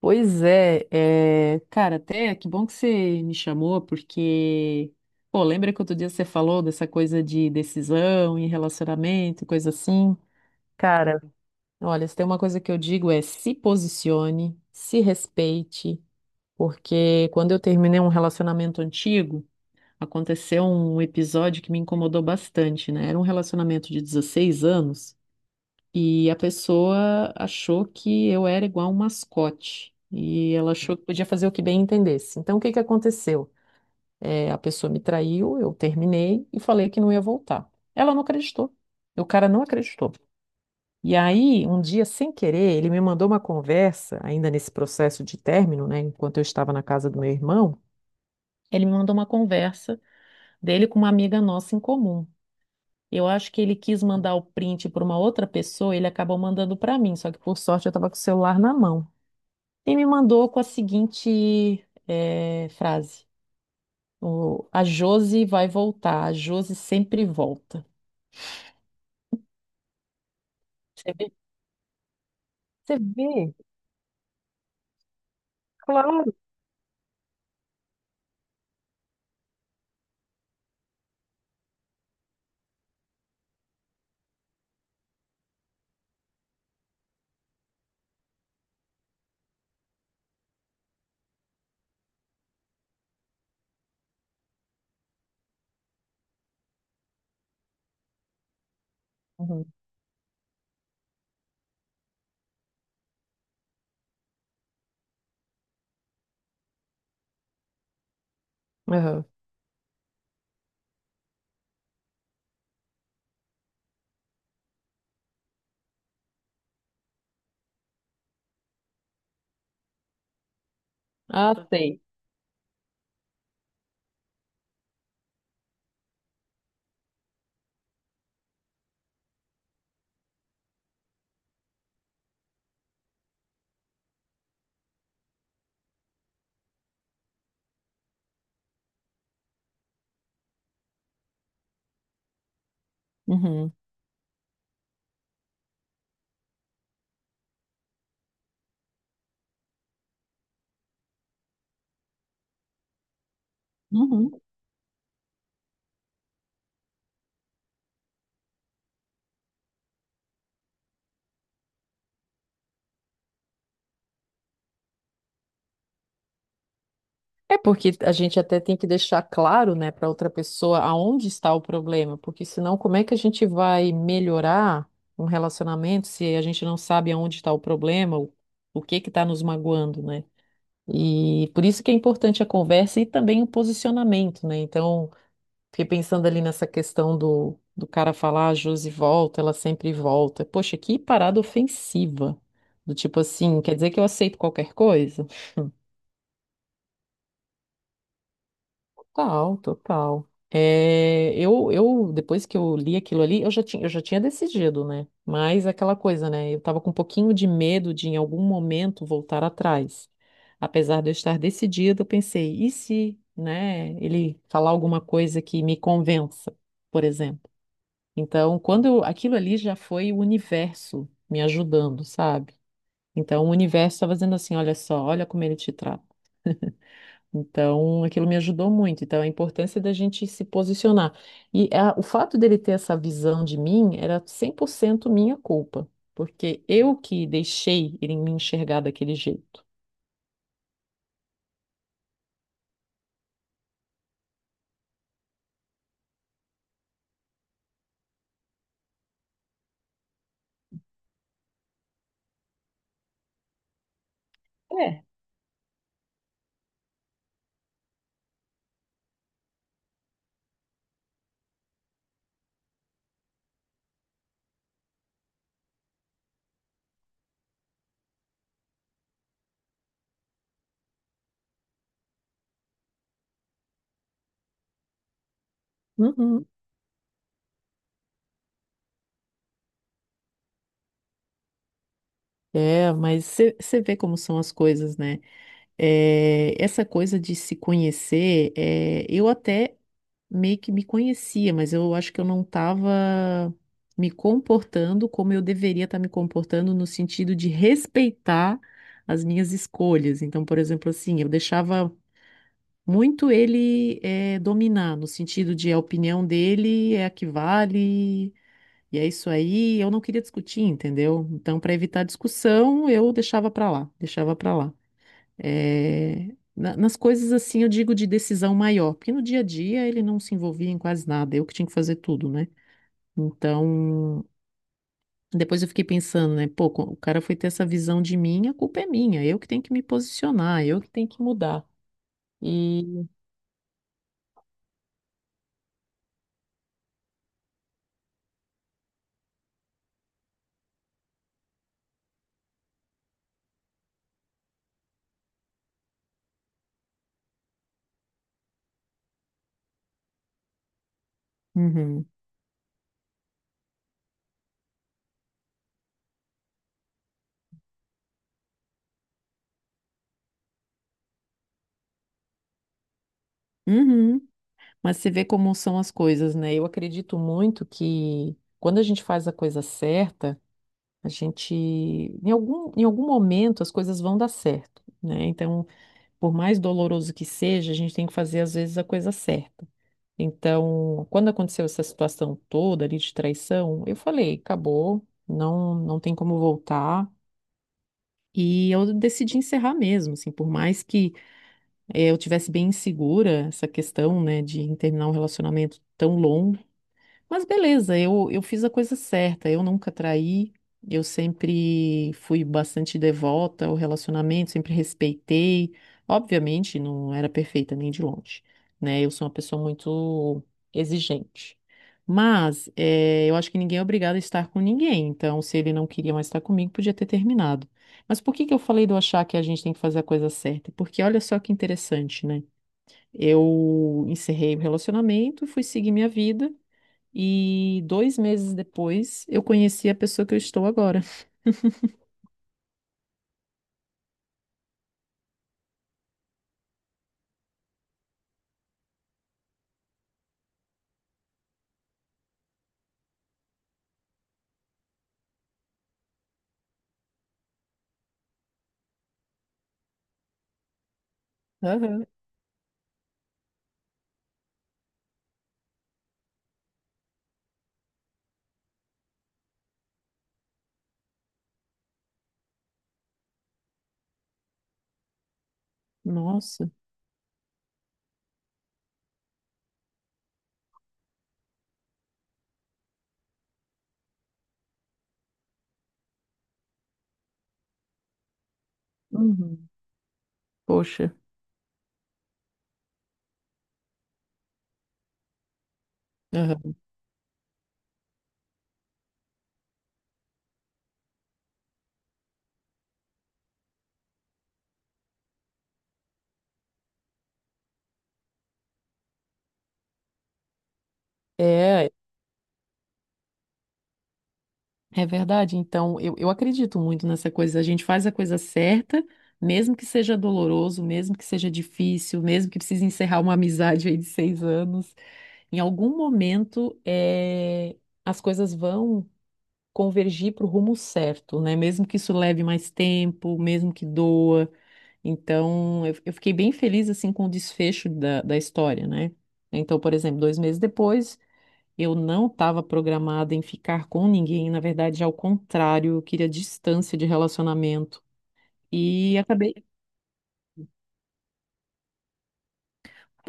Pois é, cara, até que bom que você me chamou, porque, pô, lembra que outro dia você falou dessa coisa de decisão e relacionamento, e coisa assim? Cara, olha, se tem uma coisa que eu digo é se posicione, se respeite, porque quando eu terminei um relacionamento antigo, aconteceu um episódio que me incomodou bastante, né? Era um relacionamento de 16 anos. E a pessoa achou que eu era igual um mascote. E ela achou que podia fazer o que bem entendesse. Então, o que que aconteceu? É, a pessoa me traiu, eu terminei e falei que não ia voltar. Ela não acreditou. O cara não acreditou. E aí, um dia, sem querer, ele me mandou uma conversa, ainda nesse processo de término, né? Enquanto eu estava na casa do meu irmão, ele me mandou uma conversa dele com uma amiga nossa em comum. Eu acho que ele quis mandar o print para uma outra pessoa, ele acabou mandando para mim, só que por sorte eu estava com o celular na mão. E me mandou com a seguinte frase: A Josi vai voltar, a Josi sempre volta. Você vê? Você vê? Claro. Uhum. Aham. Ah, sei. Uhum. Uhum. É porque a gente até tem que deixar claro, né, para outra pessoa aonde está o problema, porque senão como é que a gente vai melhorar um relacionamento se a gente não sabe aonde está o problema, o que que está nos magoando, né? E por isso que é importante a conversa e também o posicionamento, né? Então, fiquei pensando ali nessa questão do cara falar, a Josi volta, ela sempre volta. Poxa, que parada ofensiva. Do tipo assim, quer dizer que eu aceito qualquer coisa? Total, total. É, eu, depois que eu li aquilo ali, eu já tinha decidido, né? Mas é aquela coisa, né? Eu tava com um pouquinho de medo de, em algum momento, voltar atrás. Apesar de eu estar decidida, eu pensei, e se, né, ele falar alguma coisa que me convença, por exemplo? Então, aquilo ali já foi o universo me ajudando, sabe? Então, o universo estava dizendo assim: olha só, olha como ele te trata. Então, aquilo me ajudou muito. Então, a importância da gente se posicionar. E o fato dele ter essa visão de mim era 100% minha culpa, porque eu que deixei ele me enxergar daquele jeito. É. Uhum. É, mas você vê como são as coisas, né? É, essa coisa de se conhecer, é, eu até meio que me conhecia, mas eu acho que eu não estava me comportando como eu deveria estar me comportando no sentido de respeitar as minhas escolhas. Então, por exemplo, assim, eu deixava muito ele dominar, no sentido de a opinião dele é a que vale, e é isso aí. Eu não queria discutir, entendeu? Então, para evitar discussão, eu deixava para lá, deixava para lá. É, nas coisas assim, eu digo de decisão maior, porque no dia a dia ele não se envolvia em quase nada, eu que tinha que fazer tudo, né? Então, depois eu fiquei pensando, né? Pô, o cara foi ter essa visão de mim, a culpa é minha, eu que tenho que me posicionar, eu que tenho que mudar. E. Uhum, uhum. Mas você vê como são as coisas, né? Eu acredito muito que quando a gente faz a coisa certa, a gente, em algum momento, as coisas vão dar certo, né? Então. Por mais doloroso que seja, a gente tem que fazer às vezes a coisa certa. Então, quando aconteceu essa situação toda ali de traição, eu falei, acabou, não tem como voltar. E eu decidi encerrar mesmo, assim, por mais que eu tivesse bem insegura essa questão, né, de terminar um relacionamento tão longo mas beleza, eu fiz a coisa certa, eu nunca traí, eu sempre fui bastante devota ao relacionamento, sempre respeitei. Obviamente, não era perfeita nem de longe, né? Eu sou uma pessoa muito exigente. Mas eu acho que ninguém é obrigado a estar com ninguém, então se ele não queria mais estar comigo, podia ter terminado. Mas por que que eu falei de eu achar que a gente tem que fazer a coisa certa? Porque olha só que interessante, né? Eu encerrei o relacionamento, fui seguir minha vida. E dois meses depois, eu conheci a pessoa que eu estou agora. Aham. Nossa. Uhum. Poxa. Aham. É, é verdade. Então, eu acredito muito nessa coisa. A gente faz a coisa certa, mesmo que seja doloroso, mesmo que seja difícil, mesmo que precise encerrar uma amizade aí de seis anos. Em algum momento, é, as coisas vão convergir para o rumo certo, né? Mesmo que isso leve mais tempo, mesmo que doa. Então, eu fiquei bem feliz, assim, com o desfecho da história, né? Então, por exemplo, dois meses depois, eu não estava programada em ficar com ninguém, na verdade, ao contrário, eu queria distância de relacionamento. E acabei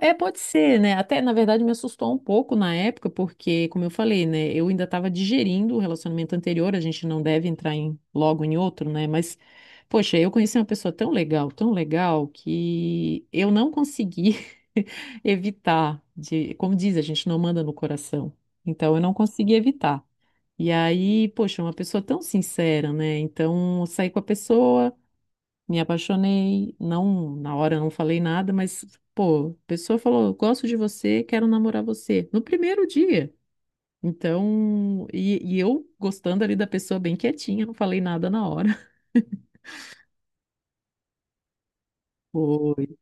É, pode ser, né? Até, na verdade, me assustou um pouco na época, porque, como eu falei, né? Eu ainda estava digerindo o relacionamento anterior, a gente não deve entrar em, logo em outro, né? Mas, poxa, eu conheci uma pessoa tão legal, que eu não consegui evitar de, como diz, a gente não manda no coração. Então, eu não consegui evitar. E aí, poxa, uma pessoa tão sincera, né? Então, eu saí com a pessoa, me apaixonei, não, na hora eu não falei nada, mas, pô, a pessoa falou, gosto de você, quero namorar você, no primeiro dia. Então, e eu gostando ali da pessoa bem quietinha, não falei nada na hora. Foi.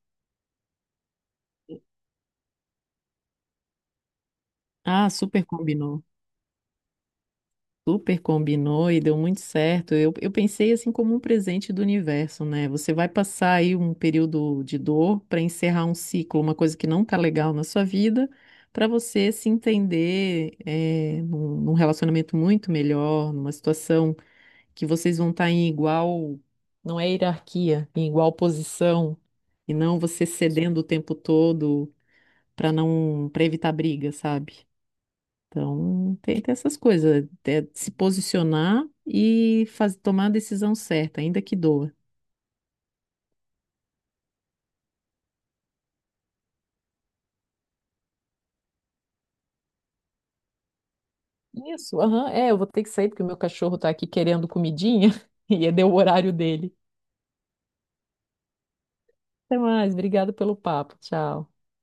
Ah, super combinou. Super combinou e deu muito certo. Eu eu pensei assim como um presente do universo, né? Você vai passar aí um período de dor para encerrar um ciclo, uma coisa que não tá legal na sua vida, para você se entender num relacionamento muito melhor, numa situação que vocês vão estar em igual, não é hierarquia, em igual posição, e não você cedendo o tempo todo para não, para evitar briga, sabe? Então, tem essas coisas, é se posicionar e tomar a decisão certa, ainda que doa. Isso, aham, é, eu vou ter que sair porque o meu cachorro tá aqui querendo comidinha e deu o horário dele. Até mais, obrigada pelo papo, tchau.